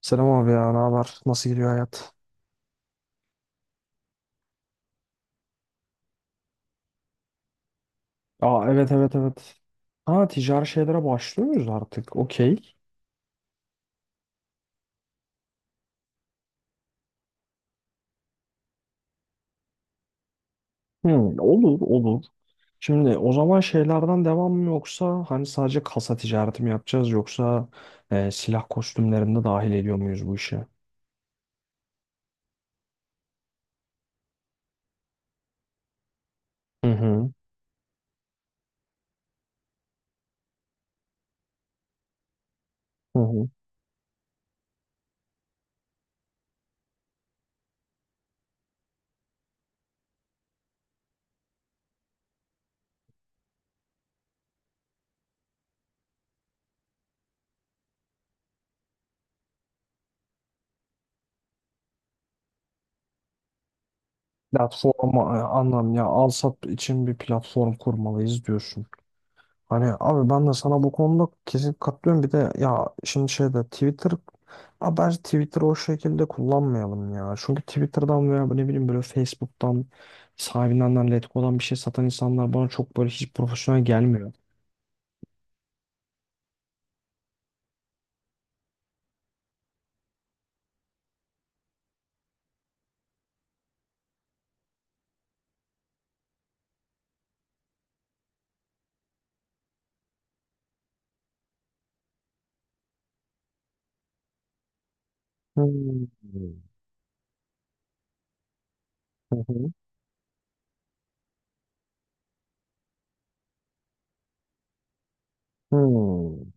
Selam abi ya, ne haber? Nasıl gidiyor hayat? Aa, evet evet evet. Ha, ticari şeylere başlıyoruz artık? Okey. Hmm, olur olur. Şimdi o zaman şeylerden devam mı yoksa hani sadece kasa ticareti mi yapacağız yoksa silah kostümlerini de dahil ediyor muyuz bu işe? Hı hı. Hı hı. Platform anlam ya al sat için bir platform kurmalıyız diyorsun. Hani abi ben de sana bu konuda kesin katılıyorum. Bir de ya şimdi şeyde Twitter. Abi bence Twitter'ı o şekilde kullanmayalım ya. Çünkü Twitter'dan veya ne bileyim böyle Facebook'tan sahibinden Letgo'dan bir şey satan insanlar bana çok böyle hiç profesyonel gelmiyor. Hmm. Hı hı. Hmm.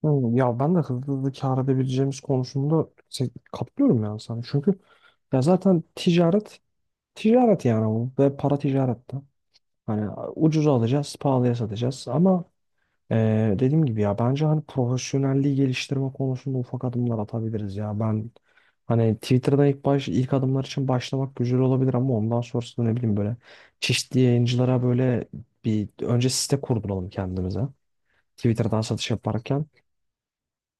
Hmm. Ya ben de hızlı hızlı kâr edebileceğimiz konusunda katılıyorum yani sana. Çünkü ya zaten ticaret ticaret yani bu ve para ticarette. Hani ucuza alacağız, pahalıya satacağız ama dediğim gibi ya bence hani profesyonelliği geliştirme konusunda ufak adımlar atabiliriz ya. Ben hani Twitter'da ilk adımlar için başlamak güzel olabilir ama ondan sonrasında ne bileyim böyle çeşitli yayıncılara böyle bir önce site kurduralım kendimize. Twitter'dan satış yaparken.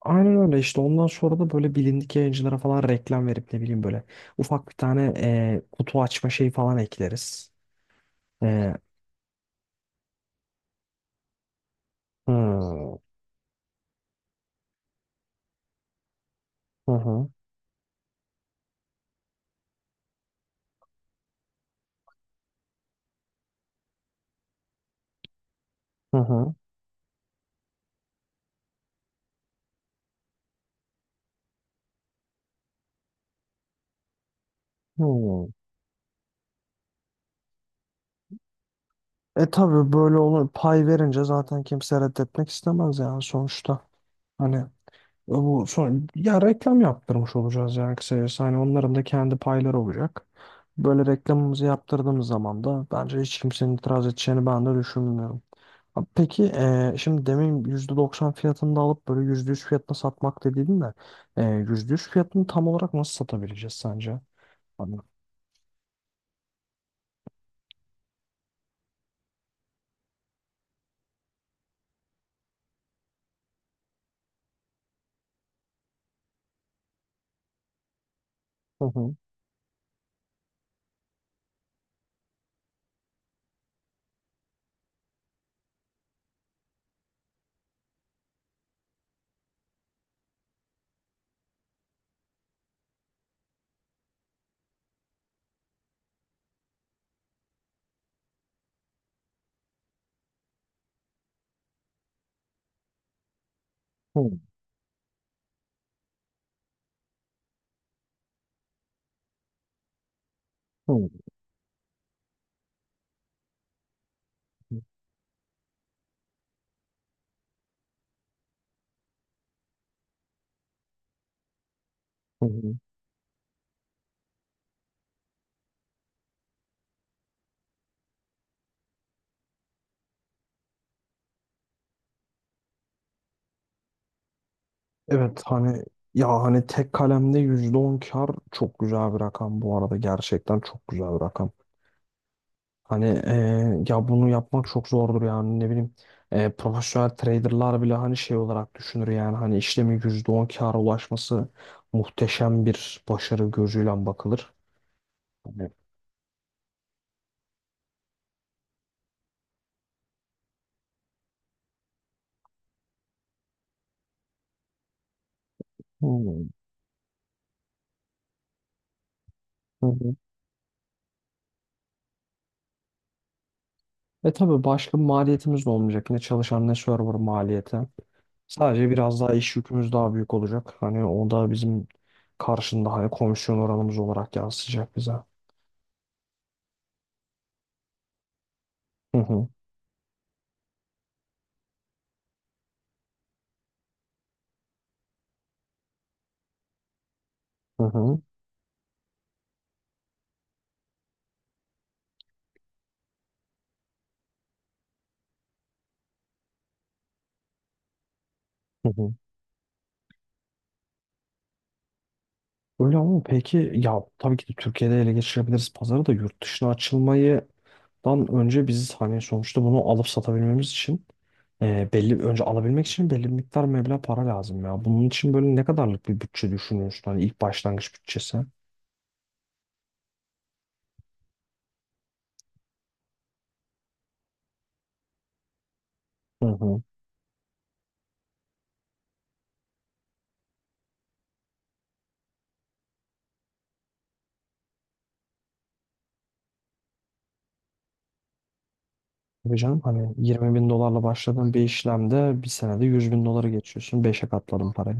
Aynen öyle işte ondan sonra da böyle bilindik yayıncılara falan reklam verip ne bileyim böyle ufak bir tane kutu açma şeyi falan ekleriz. E, hmm, hı hı, hı hı, hı. E, tabii böyle olur. Pay verince zaten kimse reddetmek istemez yani sonuçta. Hani bu son ya reklam yaptırmış olacağız yani kısacası. Hani onların da kendi payları olacak. Böyle reklamımızı yaptırdığımız zaman da bence hiç kimsenin itiraz edeceğini ben de düşünmüyorum. Ha, peki şimdi demin %90 fiyatında alıp böyle %100 fiyatına satmak dediydin de %100 fiyatını tam olarak nasıl satabileceğiz sence? Tamam. Hı hı. Hı hı. Hı hı. Evet, hani ya hani tek kalemde %10 kar çok güzel bir rakam, bu arada gerçekten çok güzel bir rakam. Hani ya bunu yapmak çok zordur yani ne bileyim. Profesyonel traderlar bile hani şey olarak düşünür, yani hani işlemin %10 kâra ulaşması muhteşem bir başarı gözüyle bakılır. Hani, hmm, hı hı. E, tabii başka bir maliyetimiz de olmayacak. Ne çalışan ne server maliyeti. Sadece biraz daha iş yükümüz daha büyük olacak. Hani o da bizim karşında hani komisyon oranımız olarak yansıyacak bize. Hı hı. Hı hı. Hı hı. Öyle, ama peki ya tabii ki de Türkiye'de ele geçirebiliriz pazarı da yurt dışına açılmadan önce biz hani sonuçta bunu alıp satabilmemiz için belli önce alabilmek için belli bir miktar meblağ para lazım ya. Bunun için böyle ne kadarlık bir bütçe düşünüyorsun? Hani ilk başlangıç bütçesi. Hı hı. Tabii canım, hani 20 bin dolarla başladığın bir işlemde bir senede 100 bin doları geçiyorsun. Beşe katladın parayı.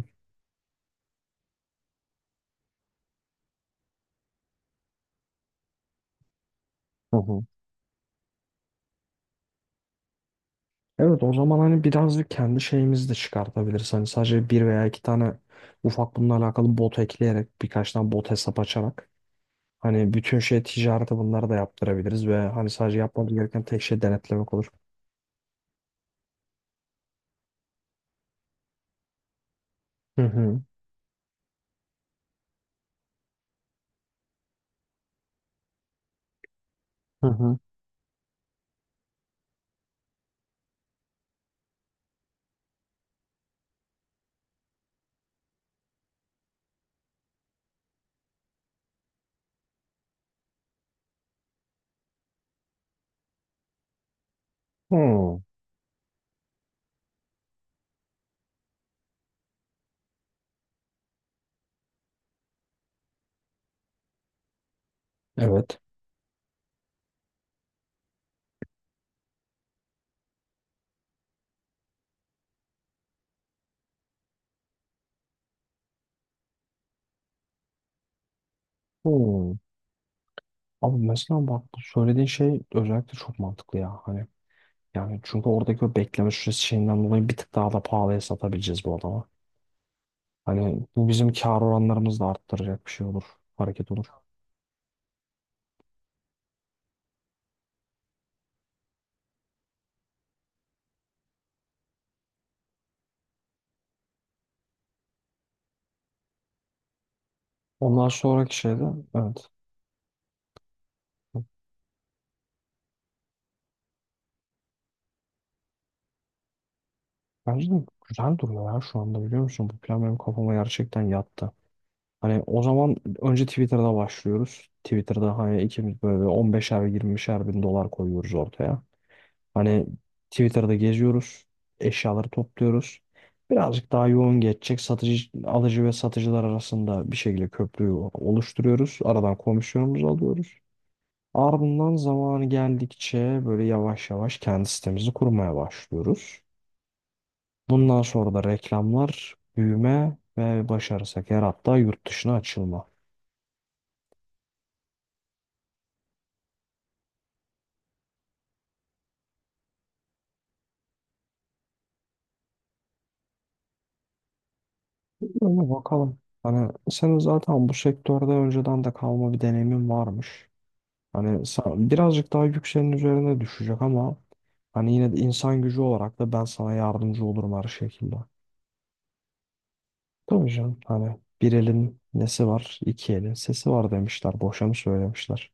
Hı hı. Evet, o zaman hani birazcık kendi şeyimizi de çıkartabiliriz. Hani sadece bir veya iki tane ufak bununla alakalı bot ekleyerek, birkaç tane bot hesap açarak hani bütün şey ticareti bunları da yaptırabiliriz ve hani sadece yapmamız gereken tek şey denetlemek olur. Hı hı. Hı hı. Hı. Evet. Hı. Abi mesela bak, bu söylediğin şey özellikle çok mantıklı ya. Hani yani çünkü oradaki o bekleme süresi şeyinden dolayı bir tık daha da pahalıya satabileceğiz bu adama. Hani bu bizim kar oranlarımızı da arttıracak bir şey olur. Hareket olur. Ondan sonraki şeyde evet. Bence de güzel duruyor ya şu anda, biliyor musun? Bu plan benim kafama gerçekten yattı. Hani o zaman önce Twitter'da başlıyoruz. Twitter'da hani ikimiz böyle 15'er 20'şer bin dolar koyuyoruz ortaya. Hani Twitter'da geziyoruz. Eşyaları topluyoruz. Birazcık daha yoğun geçecek. Satıcı, alıcı ve satıcılar arasında bir şekilde köprüyü oluşturuyoruz. Aradan komisyonumuzu alıyoruz. Ardından zamanı geldikçe böyle yavaş yavaş kendi sitemizi kurmaya başlıyoruz. Bundan sonra da reklamlar, büyüme ve başarırsak eğer hatta yurt dışına açılma. Öyle bakalım. Hani senin zaten bu sektörde önceden de kalma bir deneyimin varmış. Hani birazcık daha yükseğin üzerine düşecek ama hani yine de insan gücü olarak da ben sana yardımcı olurum her şekilde. Tabii canım, hani bir elin nesi var, iki elin sesi var demişler. Boşa mı söylemişler?